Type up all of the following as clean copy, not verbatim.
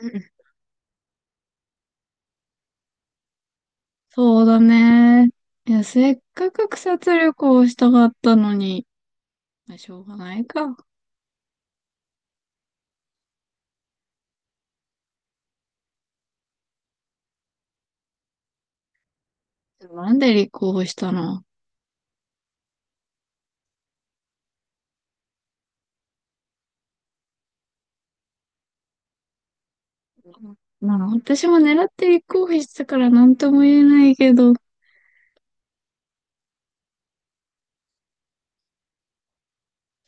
うん。そうだね。いや、せっかく草津旅行をしたかったのに、まあ、しょうがないか。なんで立候補したの？まあ、私も狙って立候補してたから何とも言えないけど、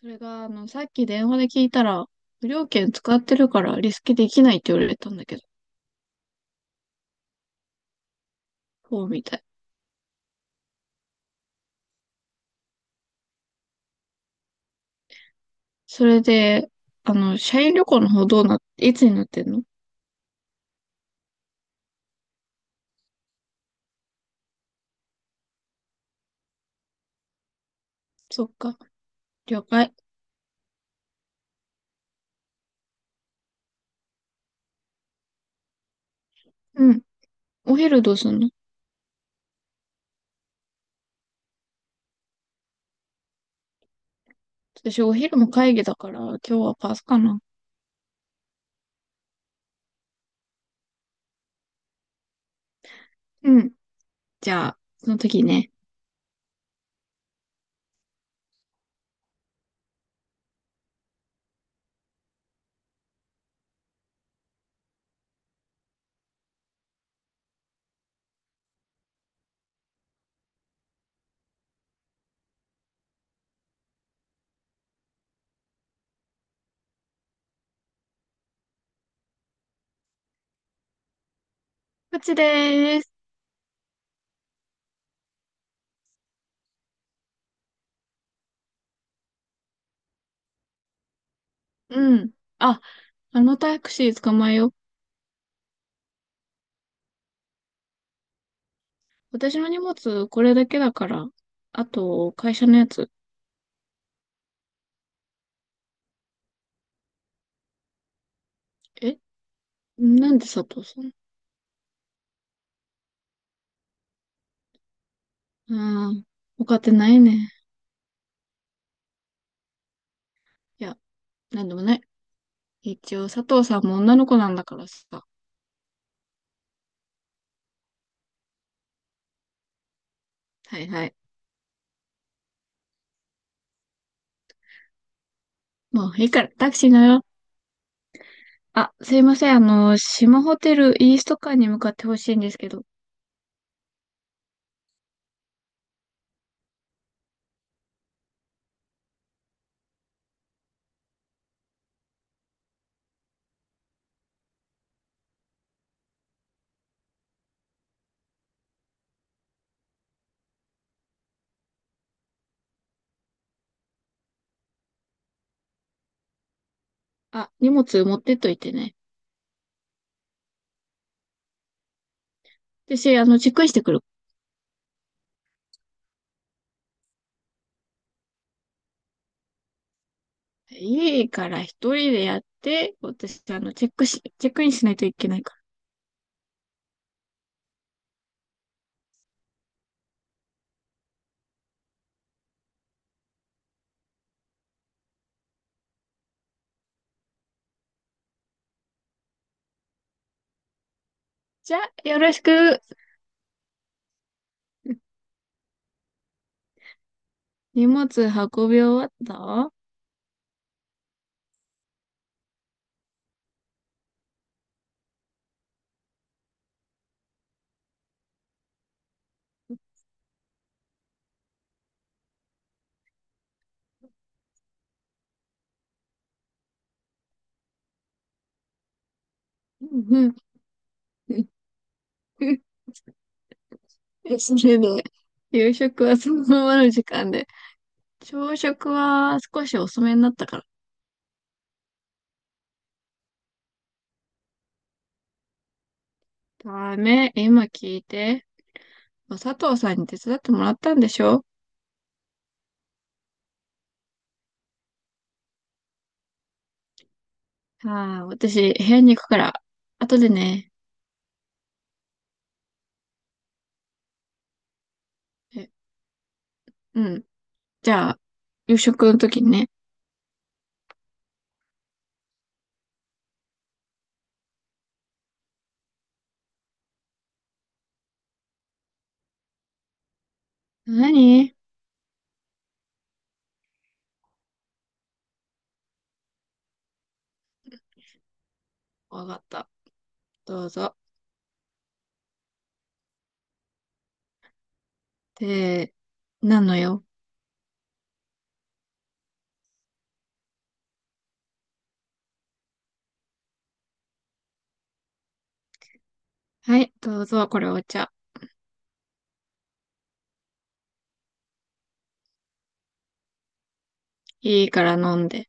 それが、さっき電話で聞いたら、無料券使ってるからリスケできないって言われたんだけど、そうみたい。それで、社員旅行の方どうないつになってんの？そっか、了解。うん。お昼どうすんの？私お昼も会議だから、今日はパスかな。うん。じゃあ、その時ね。こっちでーす。うん。あ、あのタクシー捕まえよう。私の荷物これだけだから。あと、会社のやつ。え、なんで佐藤さん？うん。他ってないね。いや、なんでもない。一応、佐藤さんも女の子なんだからさ。はいはい。もういいから、タクシー乗ろう。あ、すいません。あの、島ホテルイースト館に向かってほしいんですけど。あ、荷物持ってっといてね。私、チェックインしてくるわ。家から一人でやって、私、チェックインしないといけないから。じゃあ、よろしく。荷物運び終わった？うん、うん。それで、夕食はそのままの時間で、朝食は少し遅めになったから。ダメ、今聞いて。佐藤さんに手伝ってもらったんでしょ？ああ、私、部屋に行くから、後でね。え、うん。じゃあ、夕食の時にね。何？わかった。どうぞ。で、なのよ。はい、どうぞ、これお茶。いいから飲んで。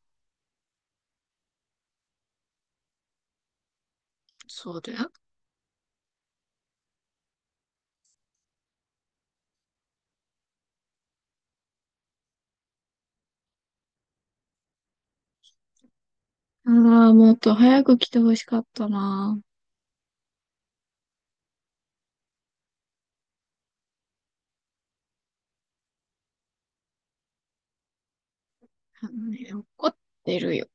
そうだよ。ああ、もっと早く来てほしかったな。あのね、怒ってるよ。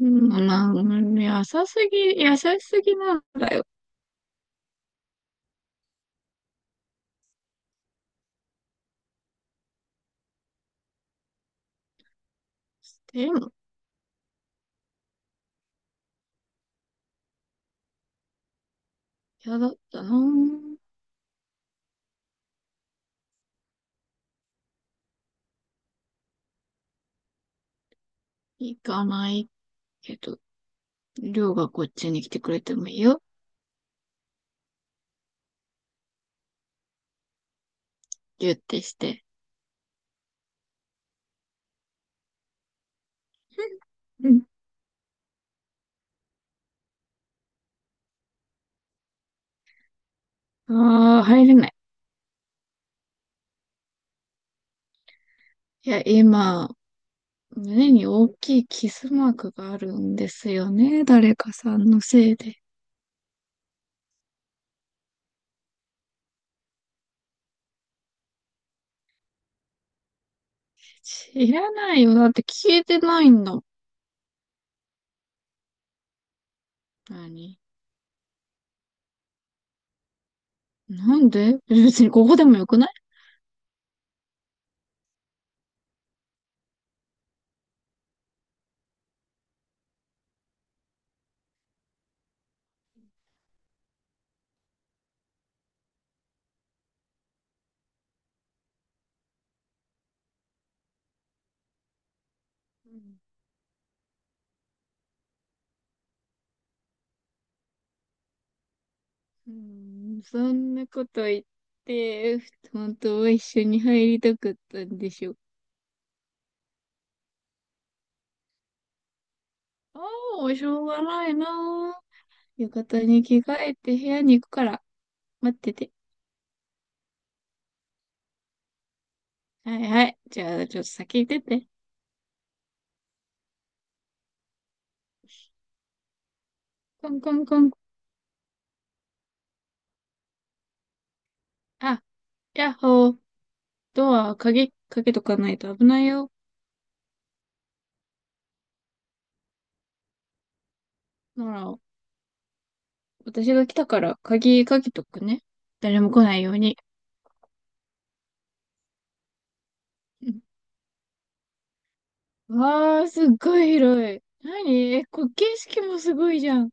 うん、まあ、うん、優しすぎ、優しすぎなんだよ。でも、嫌だったな。行かないけど、りょうがこっちに来てくれてもいいよ。ギュってして。うん。ああ、入れない。いや、今、胸に大きいキスマークがあるんですよね。誰かさんのせいで。知らないよ。だって消えてないんだ。何？なんで？別にここでもよくない？うん、そんなこと言って、本当は一緒に入りたかったんでしょ。ああ、しょうがないなあ。浴衣に着替えて部屋に行くから、待ってて。はいはい。じゃあ、ちょっと先行ってて。コンコンコン。あ、やっほー。ドア、鍵、かけとかないと危ないよ。なら、私が来たから、鍵かけとくね。誰も来ないように。うん。わー、すっごい広い。なにえ、こ、景色もすごいじゃん。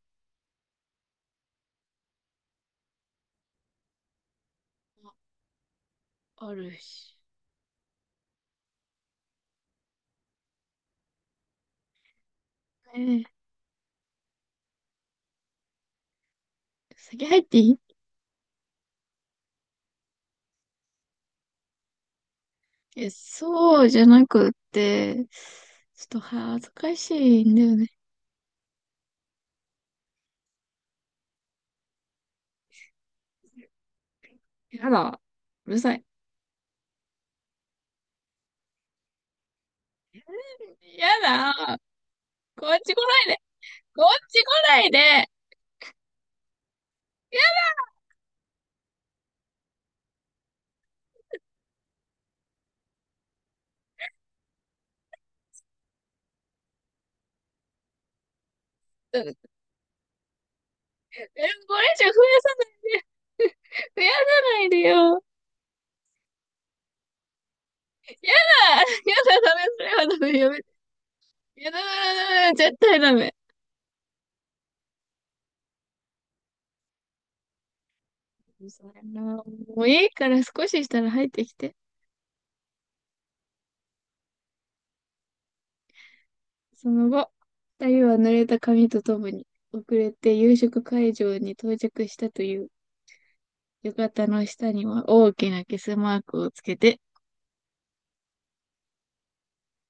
あるし。えー、先入っていい？え、そうじゃなくって、ちょっと恥ずかしいんだよね。やだ。うるさい。やだ。こっち来ないで。こっち来ないで。え、これ以上増やさないで。増やさないでよ。やだ、やだ、ダメ、それはダメ、やめて。やだ、ダメ、絶対ダメ。それなもういいから少ししたら入ってきて。その後、二人は濡れた髪とともに、遅れて夕食会場に到着したという、浴衣の下には大きなキスマークをつけて、